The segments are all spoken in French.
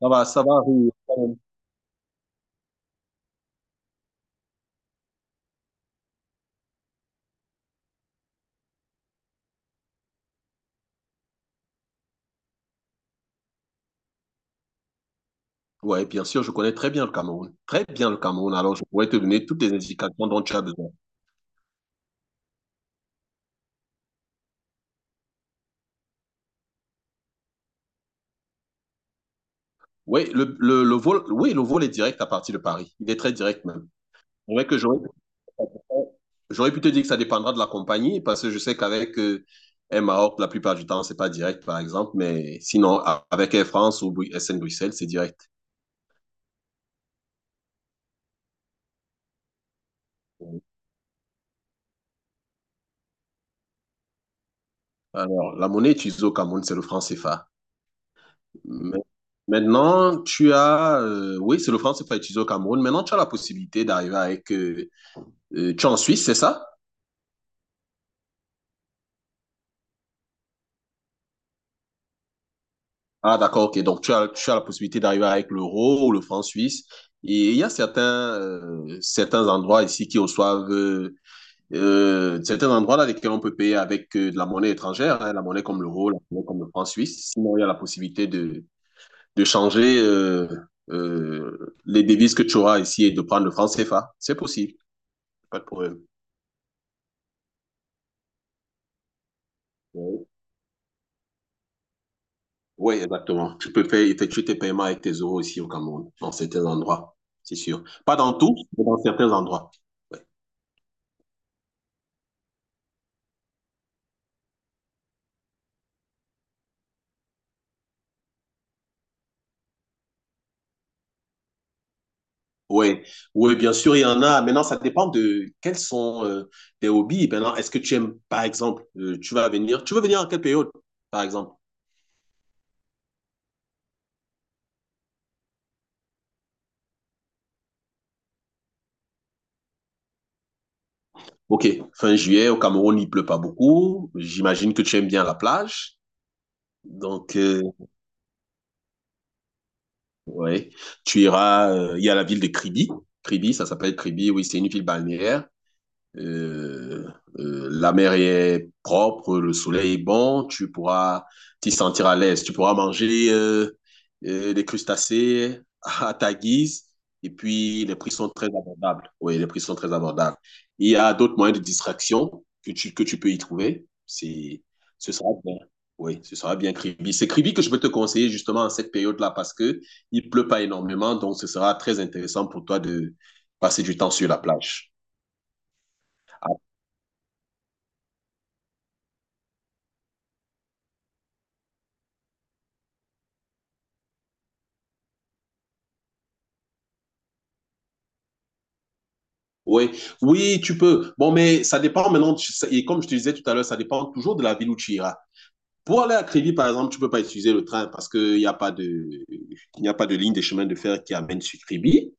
Ça va oui. Ouais, bien sûr, je connais très bien le Cameroun. Très bien le Cameroun. Alors, je pourrais te donner toutes les indications dont tu as besoin. Oui, le vol, oui, le vol est direct à partir de Paris. Il est très direct même. C'est vrai que j'aurais pu te dire que ça dépendra de la compagnie parce que je sais qu'avec Air Maroc, la plupart du temps, c'est pas direct, par exemple. Mais sinon, avec Air France ou SN Bruxelles, c'est direct. Alors, la monnaie utilisée au Cameroun, c'est le franc CFA. Mais- Maintenant, tu as, oui, c'est le franc CFA utilisé au Cameroun. Maintenant, tu as la possibilité d'arriver avec, tu es en Suisse, c'est ça? Ah, d'accord, ok. Donc, tu as la possibilité d'arriver avec l'euro ou le franc suisse. Et il y a certains endroits ici qui reçoivent, certains endroits dans lesquels on peut payer avec de la monnaie étrangère, hein, la monnaie comme l'euro, la monnaie comme le franc suisse. Sinon, il y a la possibilité de changer, les devises que tu auras ici et de prendre le franc CFA. C'est possible, pas de problème. Oui, exactement. Tu peux faire, effectuer tes paiements avec tes euros ici au Cameroun, dans certains endroits, c'est sûr. Pas dans tous, mais dans certains endroits. Ouais. Oui, oui, bien sûr, il y en a. Maintenant, ça dépend de quels sont tes hobbies. Maintenant, est-ce que tu aimes, par exemple, tu vas venir, tu veux venir en quelle période, par exemple? Ok, fin juillet, au Cameroun, il pleut pas beaucoup. J'imagine que tu aimes bien la plage. Donc, ouais, tu iras. Il y a la ville de Kribi. Kribi, ça s'appelle Kribi, oui, c'est une ville balnéaire. Euh, la mer est propre, le soleil est bon, tu pourras t'y sentir à l'aise, tu pourras manger des crustacés à ta guise et puis les prix sont très abordables. Oui, les prix sont très abordables. Il y a d'autres moyens de distraction que tu peux y trouver. Ce sera bien. Oui, ce sera bien Kribi. C'est Kribi que je peux te conseiller justement en cette période-là parce que il pleut pas énormément, donc ce sera très intéressant pour toi de passer du temps sur la plage. Oui, oui, tu peux. Bon, mais ça dépend maintenant. Et comme je te disais tout à l'heure, ça dépend toujours de la ville où tu iras. Pour aller à Crévy, par exemple, tu peux pas utiliser le train parce qu'il n'y a pas de, il n'y a pas de ligne de chemin de fer qui amène sur Crévy.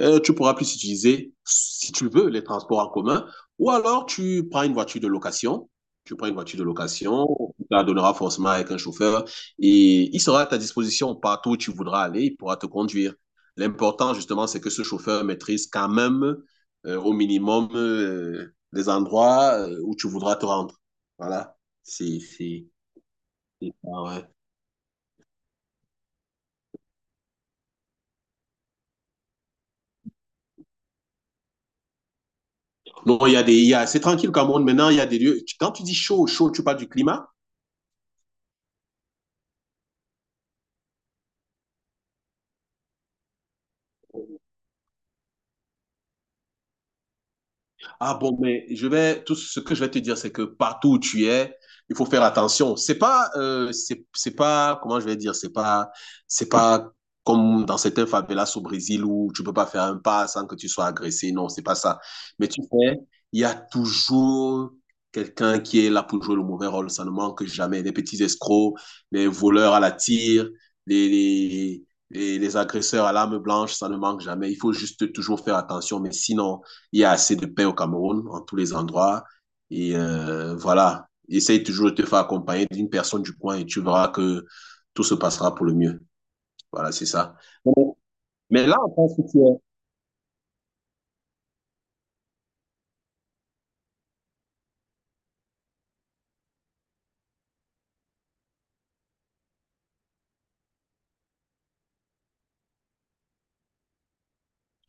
Tu pourras plus utiliser, si tu veux, les transports en commun. Ou alors, tu prends une voiture de location. Tu prends une voiture de location, tu la donneras forcément avec un chauffeur et il sera à ta disposition partout où tu voudras aller, il pourra te conduire. L'important, justement, c'est que ce chauffeur maîtrise quand même au minimum les endroits où tu voudras te rendre. Voilà. C'est ça, ouais. Non, il y a des. Il y a- C'est tranquille, Cameroun. Maintenant, il y a des lieux. Quand tu dis chaud, chaud, tu parles du climat. Ah bon, mais tout ce que je vais te dire, c'est que partout où tu es, il faut faire attention. C'est pas, comment je vais dire, c'est pas comme dans certains favelas au Brésil où tu peux pas faire un pas sans que tu sois agressé. Non, c'est pas ça. Mais tu sais, il y a toujours quelqu'un qui est là pour jouer le mauvais rôle. Ça ne manque jamais. Les petits escrocs, les voleurs à la tire, les, les, les agresseurs à l'arme blanche, ça ne manque jamais. Il faut juste toujours faire attention. Mais sinon, il y a assez de paix au Cameroun, en tous les endroits. Et voilà, essaye toujours de te faire accompagner d'une personne du coin et tu verras que tout se passera pour le mieux. Voilà, c'est ça. Bon, mais là, on pense que tu es...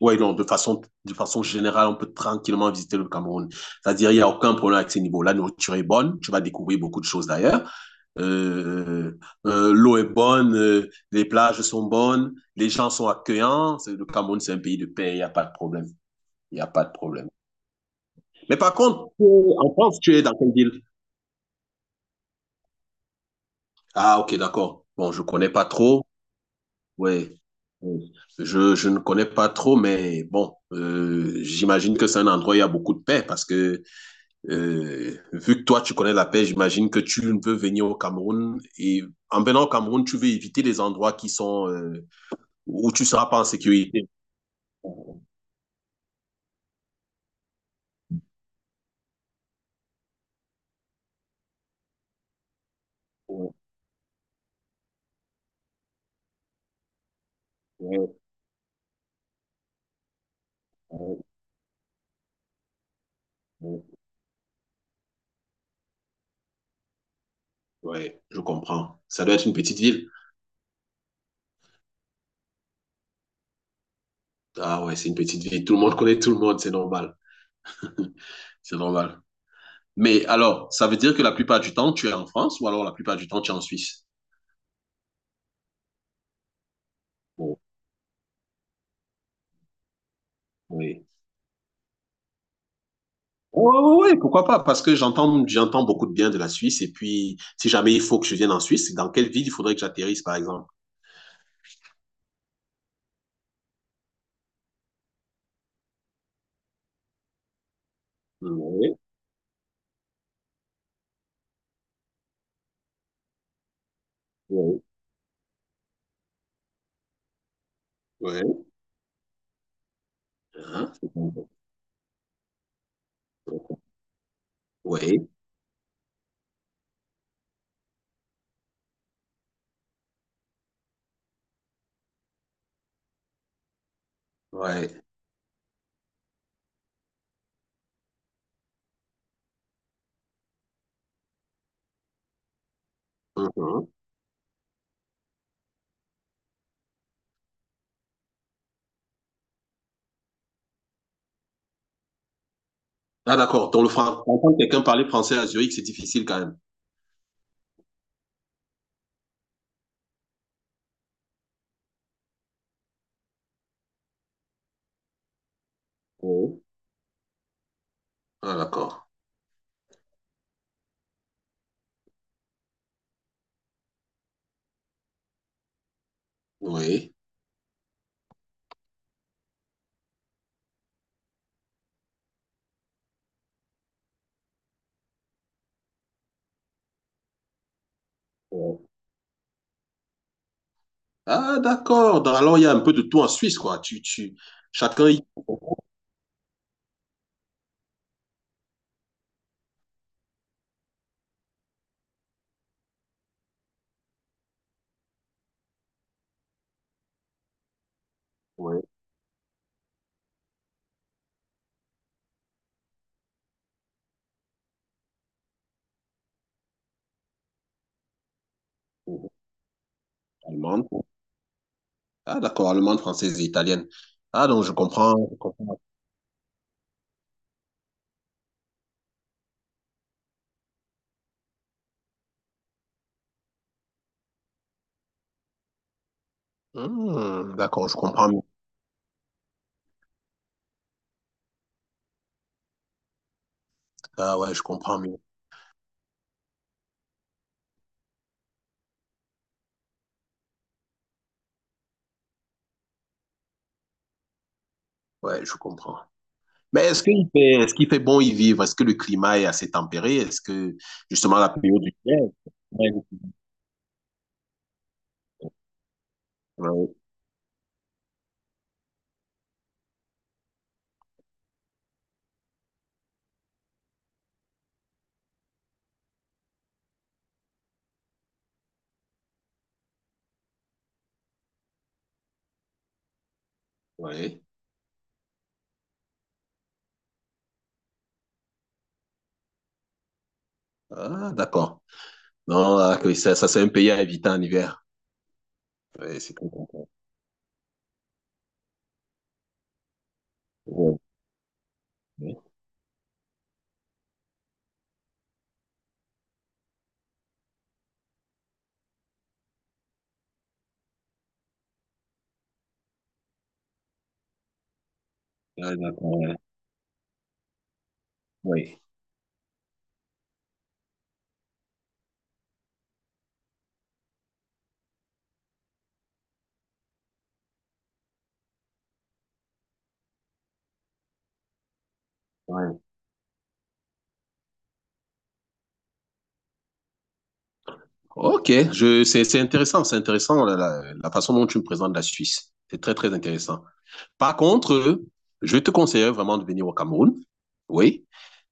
Oui, non, de façon générale, on peut tranquillement visiter le Cameroun. C'est-à-dire, il n'y a aucun problème avec ces niveaux. La nourriture est bonne, tu vas découvrir beaucoup de choses d'ailleurs. Euh, l'eau est bonne, les plages sont bonnes, les gens sont accueillants. Le Cameroun, c'est un pays de paix, il n'y a pas de problème. Il n'y a pas de problème. Mais par contre, en France, tu es dans quelle ville? Ah, ok, d'accord. Bon, je connais pas trop. Ouais. Ouais. Je ne connais pas trop, mais bon, j'imagine que c'est un endroit où il y a beaucoup de paix parce que vu que toi, tu connais la paix, j'imagine que tu ne veux venir au Cameroun et en venant au Cameroun, tu veux éviter les endroits qui sont où tu ne seras pas en sécurité. Ouais, ouais, ouais, ouais. Ouais, je comprends. Ça doit être une petite ville. Ah ouais, c'est une petite ville. Tout le monde connaît tout le monde, c'est normal. C'est normal. Mais alors, ça veut dire que la plupart du temps, tu es en France ou alors la plupart du temps, tu es en Suisse? Bon, oui. Oui, oui, pourquoi pas? Parce que j'entends beaucoup de bien de la Suisse. Et puis, si jamais il faut que je vienne en Suisse, dans quelle ville il faudrait que j'atterrisse, par exemple? Oui, oui, oui. Hein? Oui, oui. Mhm. Ah, d'accord. Donc, le français, entendre quelqu'un parler français à Zurich, c'est difficile quand même. Oui. Ah, d'accord. Oui. Ah, d'accord. Alors, il y a un peu de tout en Suisse, quoi. Chacun y... Ouais. Allemande. Ah, d'accord. Allemande, française et italienne. Ah, donc, je comprends. Je comprends. Hmm, d'accord, je comprends mieux. Ah, ouais, je comprends mieux. Ouais, je comprends. Mais est-ce qu'il fait bon y vivre? Est-ce que le climat est assez tempéré? Est-ce que, justement, la période du hiver? Ouais. Ouais. Ouais. Ah, d'accord. Non, ah, que ça, c'est un pays à éviter en hiver. Oui, c'est très complet. Ouais. Ouais, ah, d'accord. Ouais. Oui. Ok, c'est intéressant, la, la façon dont tu me présentes la Suisse. C'est très, très intéressant. Par contre, je te conseillerais vraiment de venir au Cameroun. Oui,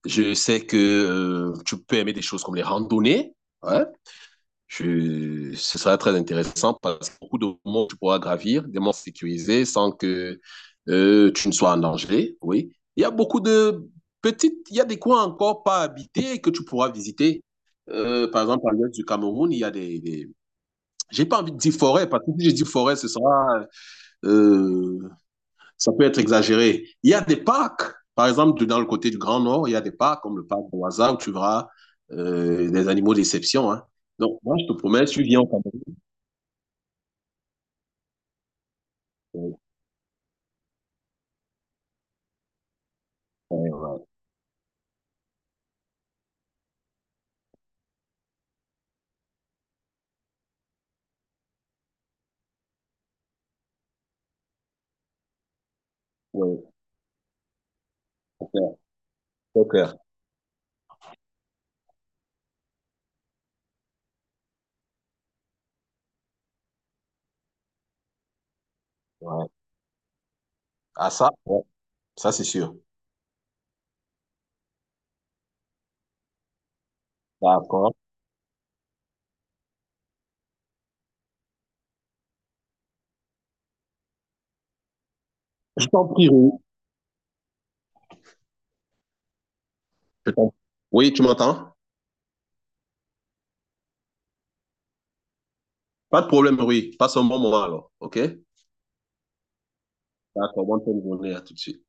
je sais que tu peux aimer des choses comme les randonnées. Ouais. Ce sera très intéressant parce que beaucoup de monts que tu pourras gravir, des monts sécurisés sans que tu ne sois en danger. Oui, il y a beaucoup de petites, il y a des coins encore pas habités que tu pourras visiter. Par exemple, à l'est du Cameroun, il y a j'ai pas envie de dire forêt, parce que si je dis forêt, euh, ça peut être exagéré. Il y a des parcs, par exemple, dans le côté du Grand Nord, il y a des parcs comme le parc de Waza où tu verras des animaux d'exception. Hein. Donc, moi, je te promets, tu viens au Cameroun. Ouais, ouais, ouais, au cœur, ouais. Ah, ça, ouais, ça, c'est sûr. D'accord. Je t'en prie, Rui. Je t'en- Oui, tu m'entends? Pas de problème, Rui. Passe un bon moment alors, ok? D'accord, bonne journée, à tout de suite.